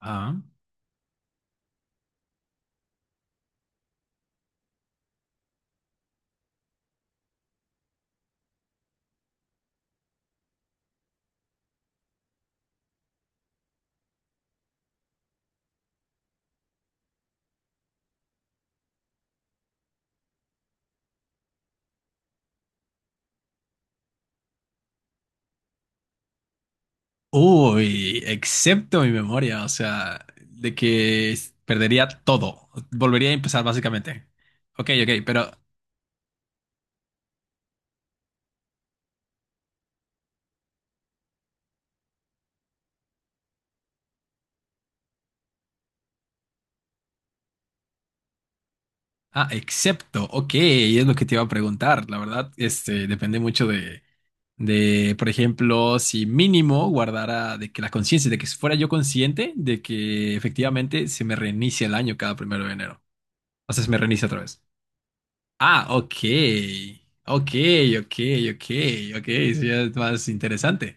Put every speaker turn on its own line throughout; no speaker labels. Ah. Uy, excepto mi memoria, o sea, de que perdería todo. Volvería a empezar básicamente. Ok, ok, pero... Ah, excepto, ok, es lo que te iba a preguntar. La verdad, este, depende mucho de, por ejemplo, si mínimo guardara de que la conciencia, de que si fuera yo consciente de que efectivamente se me reinicia el año cada primero de enero. O sea, se me reinicia otra vez. Ah, ok, ok, ok, ok, ok, sí, es más interesante.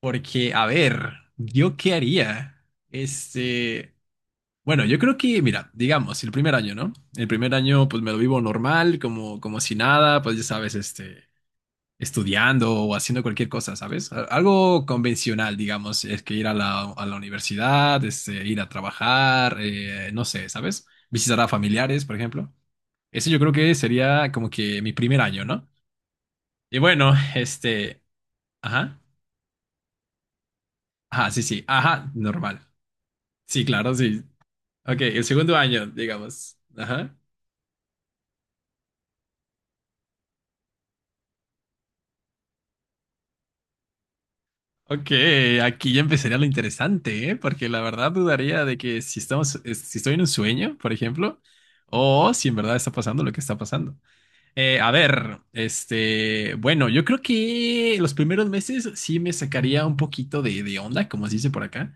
Porque, a ver, ¿yo qué haría? Este, bueno, yo creo que, mira, digamos, el primer año, ¿no? El primer año, pues me lo vivo normal, como, como si nada, pues ya sabes, este, estudiando o haciendo cualquier cosa, ¿sabes? Algo convencional, digamos, es que ir a la universidad, este, ir a trabajar, no sé, ¿sabes? Visitar a familiares, por ejemplo. Ese yo creo que sería como que mi primer año, ¿no? Y bueno, este, ajá, ajá, sí, sí, ajá, normal. Sí, claro, sí. Ok, el segundo año, digamos. Ajá. Ok, aquí ya empezaría lo interesante, ¿eh? Porque la verdad dudaría de que si estamos, si estoy en un sueño, por ejemplo, o si en verdad está pasando lo que está pasando. A ver, este, bueno, yo creo que los primeros meses sí me sacaría un poquito de onda, como se dice por acá.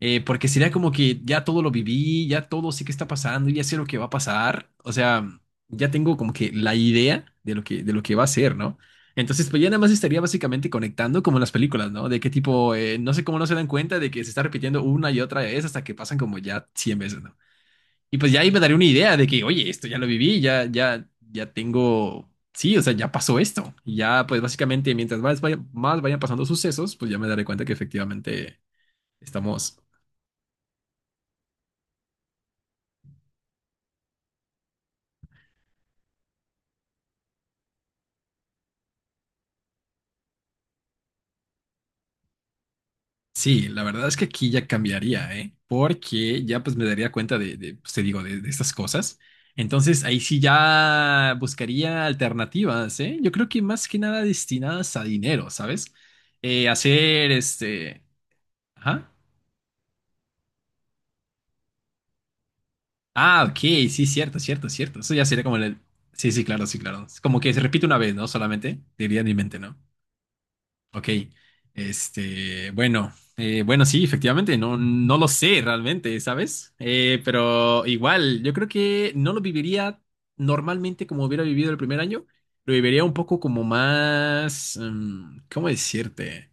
Porque sería como que ya todo lo viví, ya todo sé qué está pasando, ya sé lo que va a pasar. O sea, ya tengo como que la idea de lo que va a ser, ¿no? Entonces, pues ya nada más estaría básicamente conectando como en las películas, ¿no? De qué tipo, no sé cómo no se dan cuenta de que se está repitiendo una y otra vez hasta que pasan como ya 100 veces, ¿no? Y pues ya ahí me daría una idea de que, oye, esto ya lo viví, ya, ya, ya tengo, sí, o sea, ya pasó esto. Y ya, pues básicamente, mientras más, más vayan pasando sucesos, pues ya me daré cuenta que efectivamente estamos. Sí, la verdad es que aquí ya cambiaría, ¿eh? Porque ya pues me daría cuenta de, pues, te digo, de estas cosas. Entonces ahí sí ya buscaría alternativas, ¿eh? Yo creo que más que nada destinadas a dinero, ¿sabes? Hacer este... Ajá. Ah, ok, sí, cierto, cierto, cierto. Eso ya sería como el... Sí, sí, claro, sí, claro. Es como que se repite una vez, ¿no? Solamente, diría en mi mente, ¿no? Ok, este, bueno, bueno, sí, efectivamente, no, no lo sé realmente, ¿sabes? Pero igual, yo creo que no lo viviría normalmente como hubiera vivido el primer año, lo viviría un poco como más, ¿cómo decirte?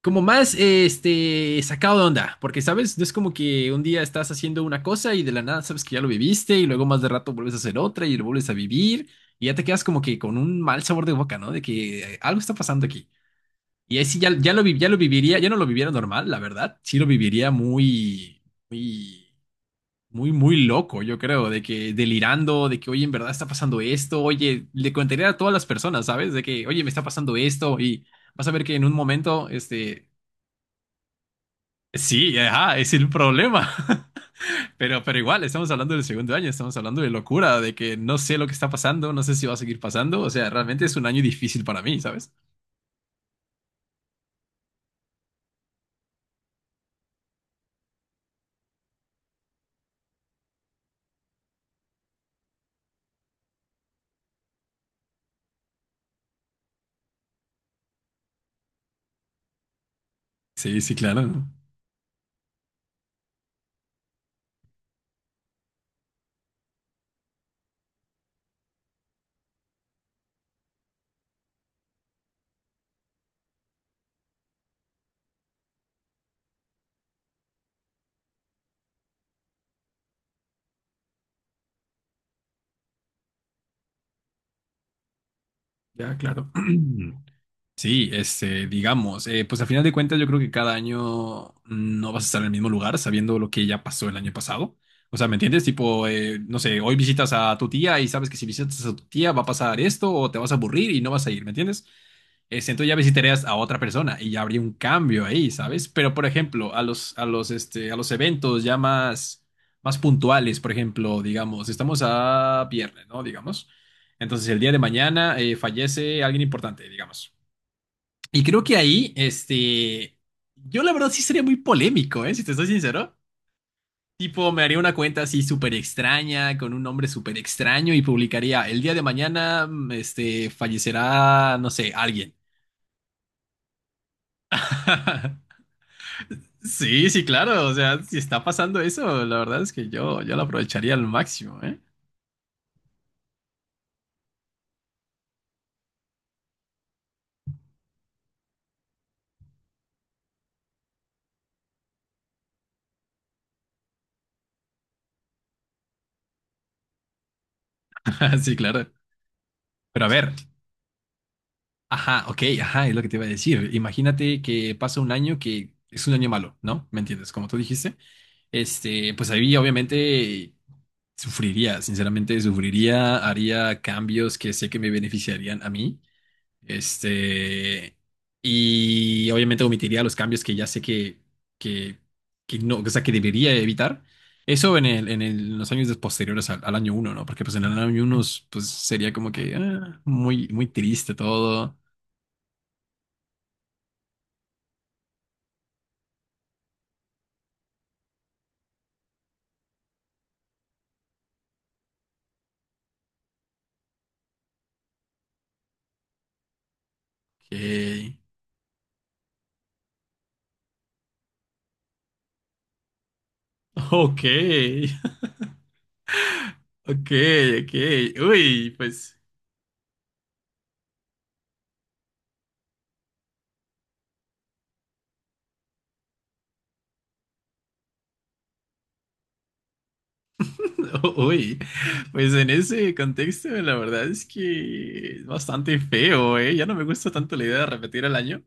Como más, este, sacado de onda, porque, ¿sabes? No es como que un día estás haciendo una cosa y de la nada sabes que ya lo viviste y luego más de rato vuelves a hacer otra y lo vuelves a vivir y ya te quedas como que con un mal sabor de boca, ¿no? De que algo está pasando aquí. Y ahí sí ya, ya lo viviría, ya no lo viviera normal, la verdad. Sí lo viviría muy, muy, muy, muy loco, yo creo, de que delirando, de que, oye, en verdad está pasando esto, oye, le contaría a todas las personas, ¿sabes? De que, oye, me está pasando esto y vas a ver que en un momento, este, sí, ajá, es el problema. Pero igual, estamos hablando del segundo año, estamos hablando de locura, de que no sé lo que está pasando, no sé si va a seguir pasando, o sea, realmente es un año difícil para mí, ¿sabes? Sí, sí, claro. Ya, claro. Sí, este, digamos, pues a final de cuentas yo creo que cada año no vas a estar en el mismo lugar sabiendo lo que ya pasó el año pasado. O sea, ¿me entiendes? Tipo, no sé, hoy visitas a tu tía y sabes que si visitas a tu tía va a pasar esto o te vas a aburrir y no vas a ir, ¿me entiendes? Este, entonces ya visitarías a otra persona y ya habría un cambio ahí, ¿sabes? Pero, por ejemplo, a los, este, a los eventos ya más, más puntuales, por ejemplo, digamos, estamos a viernes, ¿no? Digamos. Entonces el día de mañana fallece alguien importante, digamos. Y creo que ahí, este, yo la verdad sí sería muy polémico, ¿eh? Si te soy sincero. Tipo, me haría una cuenta así súper extraña, con un nombre súper extraño y publicaría, el día de mañana, este, fallecerá, no sé, alguien. Sí, sí, claro, o sea, si está pasando eso, la verdad es que yo lo aprovecharía al máximo, ¿eh? Sí, claro. Pero a ver. Ajá, ok, ajá, es lo que te iba a decir. Imagínate que pasa un año que es un año malo, ¿no? ¿Me entiendes? Como tú dijiste, este, pues ahí obviamente sufriría, sinceramente sufriría, haría cambios que sé que me beneficiarían a mí, este, y obviamente omitiría los cambios que ya sé que, que no, o sea, que debería evitar. Eso en el, en los años posteriores al, al año uno, ¿no? Porque pues en el año uno, pues sería como que ah, muy, muy triste todo. Ok, ok, ok, ok. Uy, pues, uy, pues en ese contexto la verdad es que es bastante feo, ¿eh? Ya no me gusta tanto la idea de repetir el año.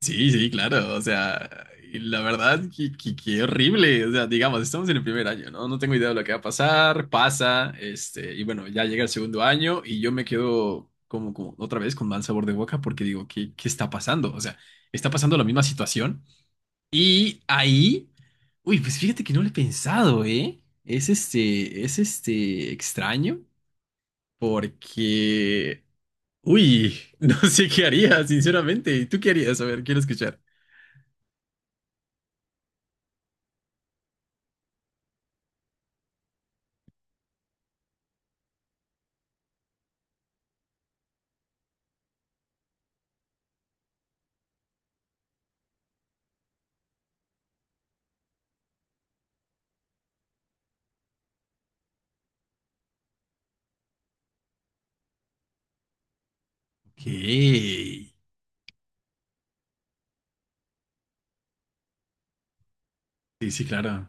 Sí, sí, claro, o sea, y la verdad, qué horrible, o sea, digamos, estamos en el primer año, ¿no? No tengo idea de lo que va a pasar, pasa, este, y bueno, ya llega el segundo año y yo me quedo como, como otra vez con mal sabor de boca porque digo, ¿qué, qué está pasando? O sea, ¿está pasando la misma situación? Y ahí, uy, pues fíjate que no lo he pensado, ¿eh? Es este extraño porque, uy, no sé qué haría, sinceramente. ¿Y tú qué harías? A ver, quiero escuchar. Ok. Sí, sí, claro.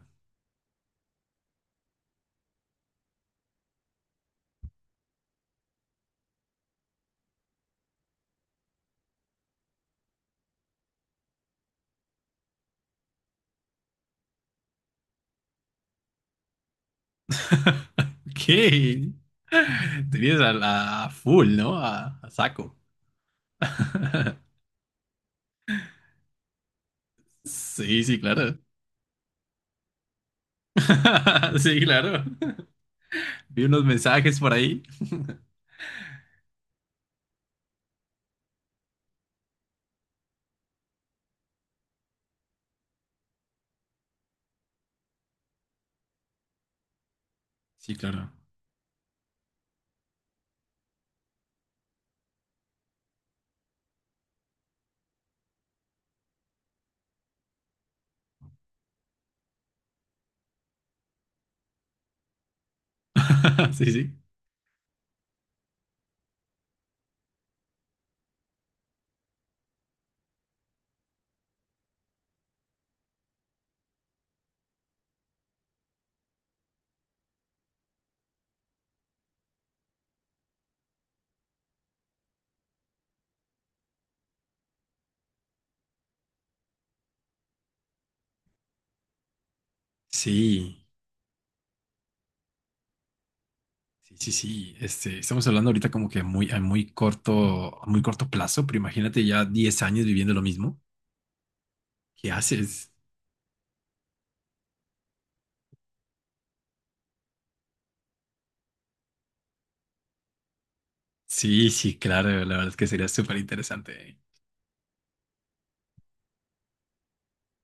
Ok. Tenías a, a full, ¿no? A saco. Sí, sí, claro. Sí, claro. Vi unos mensajes por ahí. Sí, claro. Sí, sí. Sí, sí, sí, sí. Este, estamos hablando ahorita como que muy, a muy corto plazo, pero imagínate ya 10 años viviendo lo mismo. ¿Qué haces? Sí, sí, claro, la verdad es que sería súper interesante.